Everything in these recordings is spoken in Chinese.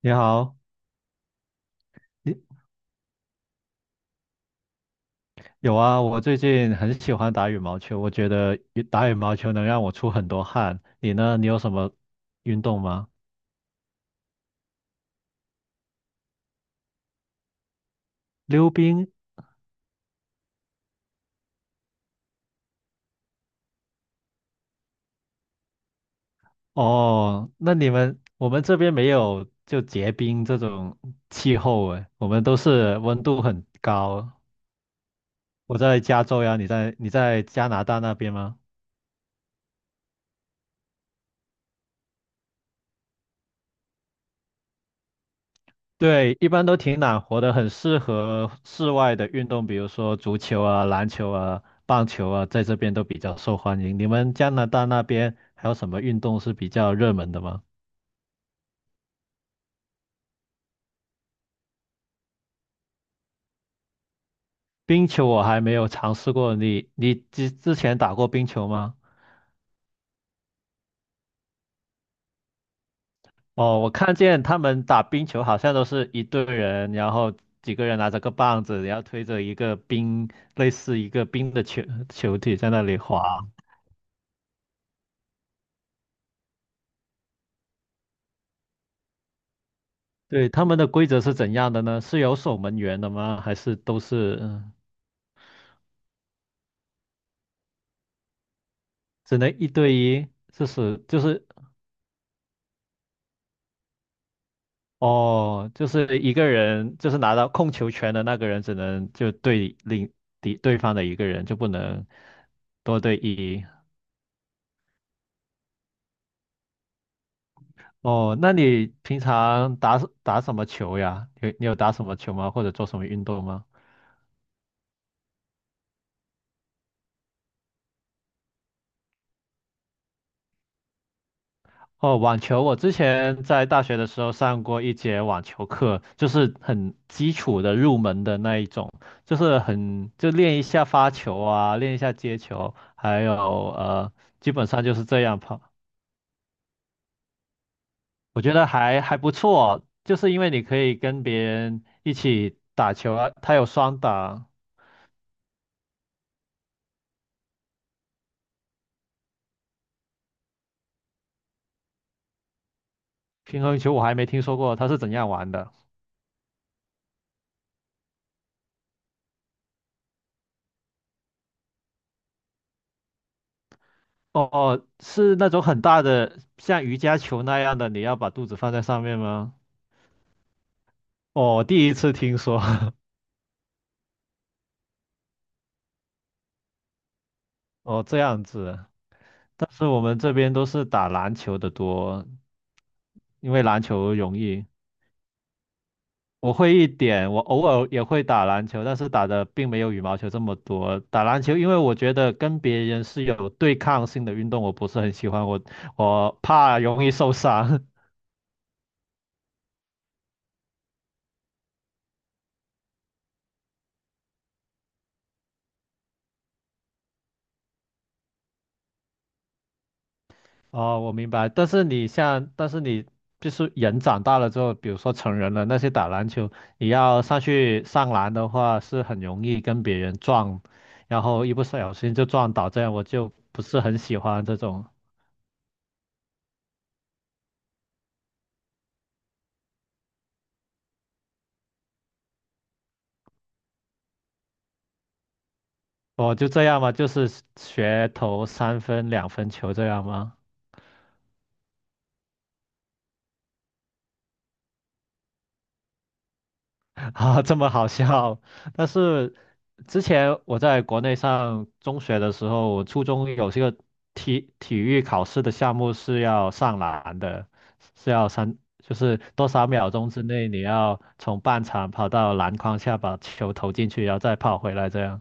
你好，你有啊？我最近很喜欢打羽毛球，我觉得打羽毛球能让我出很多汗。你呢？你有什么运动吗？溜冰？哦，那你们我们这边没有就结冰这种气候诶，我们都是温度很高。我在加州呀，你在你在加拿大那边吗？对，一般都挺暖和的，很适合室外的运动，比如说足球啊、篮球啊、棒球啊，在这边都比较受欢迎。你们加拿大那边还有什么运动是比较热门的吗？冰球我还没有尝试过，你之前打过冰球吗？哦，我看见他们打冰球好像都是一队人，然后几个人拿着个棒子，然后推着一个冰，类似一个冰的球球体在那里滑。对，他们的规则是怎样的呢？是有守门员的吗？还是都是只能一对一？就是哦，就是一个人，就是拿到控球权的那个人只能就对另敌对方的一个人，就不能多对一。哦，那你平常打什么球呀？你有打什么球吗？或者做什么运动吗？哦，网球，我之前在大学的时候上过一节网球课，就是很基础的入门的那一种，就是很，就练一下发球啊，练一下接球，还有呃，基本上就是这样跑。我觉得还不错，就是因为你可以跟别人一起打球啊，它有双打，平衡球我还没听说过它是怎样玩的。哦，哦是那种很大的，像瑜伽球那样的，你要把肚子放在上面吗？哦，我第一次听说。哦，这样子，但是我们这边都是打篮球的多，因为篮球容易。我会一点，我偶尔也会打篮球，但是打的并没有羽毛球这么多。打篮球，因为我觉得跟别人是有对抗性的运动，我不是很喜欢，我怕容易受伤。哦，我明白。但是你就是人长大了之后，比如说成人了，那些打篮球，你要上去上篮的话，是很容易跟别人撞，然后一不小心就撞倒，这样我就不是很喜欢这种。我就这样嘛，就是学投三分、两分球这样吗？啊，这么好笑。但是之前我在国内上中学的时候，我初中有这个体育考试的项目是要上篮的，是要三，就是多少秒钟之内你要从半场跑到篮筐下把球投进去，然后再跑回来这样。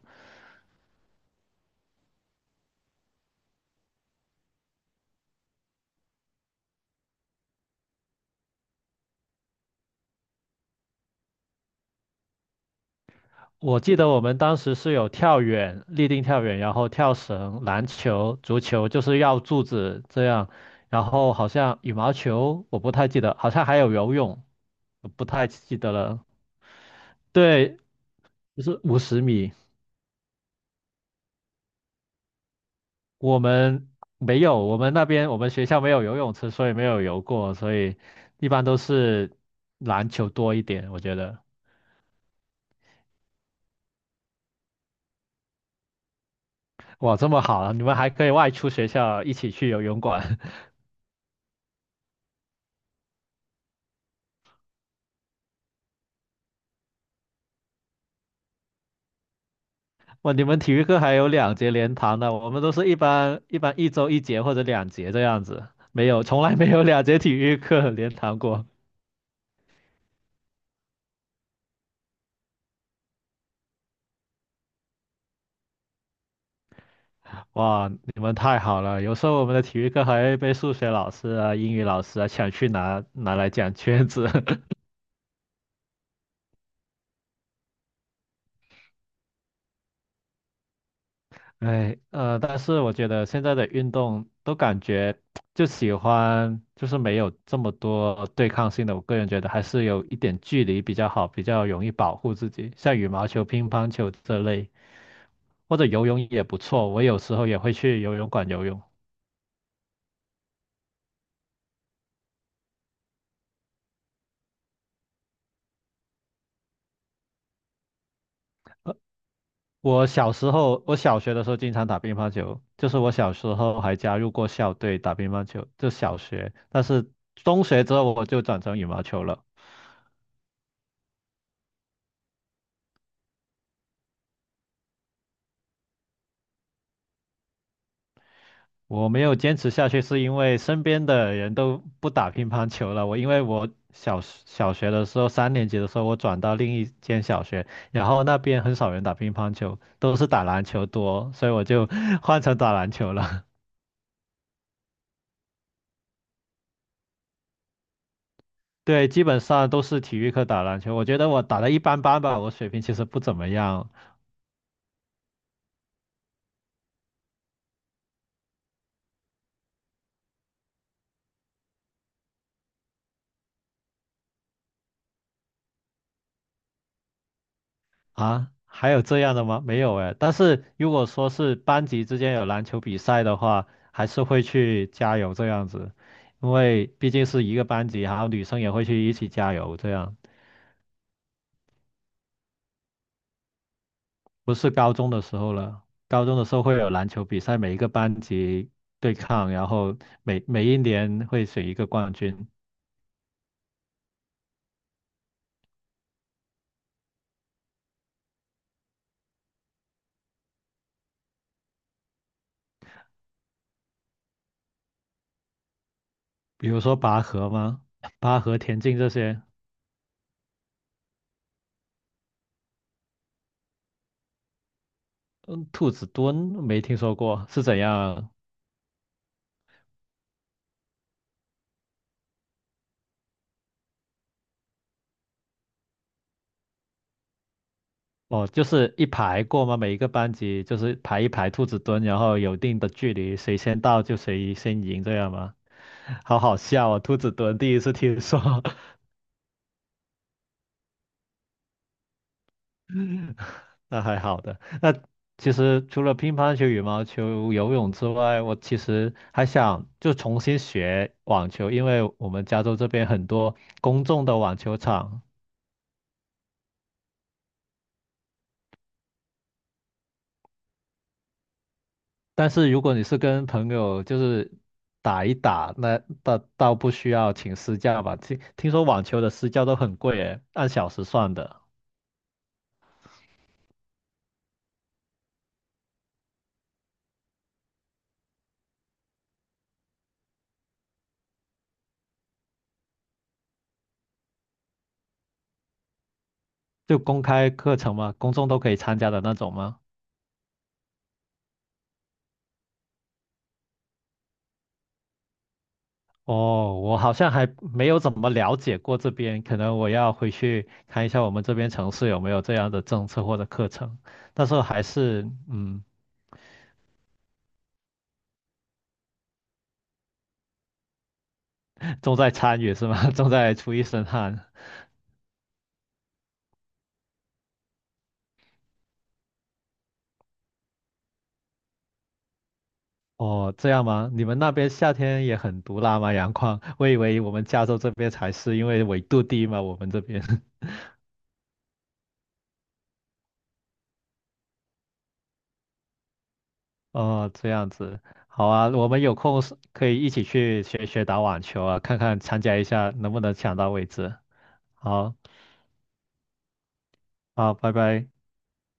我记得我们当时是有跳远、立定跳远，然后跳绳、篮球、足球，就是绕柱子这样。然后好像羽毛球，我不太记得，好像还有游泳，我不太记得了。对，就是50米。我们没有，我们那边我们学校没有游泳池，所以没有游过，所以一般都是篮球多一点，我觉得。哇，这么好啊！你们还可以外出学校一起去游泳馆。哇，你们体育课还有两节连堂的，我们都是一般一周一节或者两节这样子，没有，从来没有两节体育课连堂过。哇，你们太好了！有时候我们的体育课还被数学老师啊、英语老师啊抢去拿来讲圈子。哎，但是我觉得现在的运动都感觉就喜欢，就是没有这么多对抗性的。我个人觉得还是有一点距离比较好，比较容易保护自己，像羽毛球、乒乓球这类。或者游泳也不错，我有时候也会去游泳馆游泳。我小时候，我小学的时候经常打乒乓球，就是我小时候还加入过校队打乒乓球，就小学。但是中学之后我就转成羽毛球了。我没有坚持下去，是因为身边的人都不打乒乓球了。我因为我小学的时候，三年级的时候，我转到另一间小学，然后那边很少人打乒乓球，都是打篮球多，所以我就 换成打篮球了。对，基本上都是体育课打篮球。我觉得我打的一般般吧，我水平其实不怎么样啊。还有这样的吗？没有哎。但是如果说是班级之间有篮球比赛的话，还是会去加油这样子，因为毕竟是一个班级，然后女生也会去一起加油这样。不是高中的时候了，高中的时候会有篮球比赛，每一个班级对抗，然后每一年会选一个冠军，比如说拔河吗？拔河、田径这些。兔子蹲没听说过，是怎样？哦，就是一排过吗？每一个班级就是排一排兔子蹲，然后有一定的距离，谁先到就谁先赢，这样吗？好好笑啊、兔子蹲第一次听说，那还好的。那其实除了乒乓球、羽毛球、游泳之外，我其实还想就重新学网球，因为我们加州这边很多公众的网球场，但是如果你是跟朋友就是打一打，那倒不需要请私教吧？听说网球的私教都很贵诶，按小时算的，就公开课程吗？公众都可以参加的那种吗？哦，我好像还没有怎么了解过这边，可能我要回去看一下我们这边城市有没有这样的政策或者课程。但是还是重在参与是吗？重在出一身汗。哦，这样吗？你们那边夏天也很毒辣吗？阳光？我以为我们加州这边才是，因为纬度低嘛，我们这边。哦，这样子，好啊，我们有空是可以一起去学学打网球啊，看看参加一下能不能抢到位置。好，好，拜拜。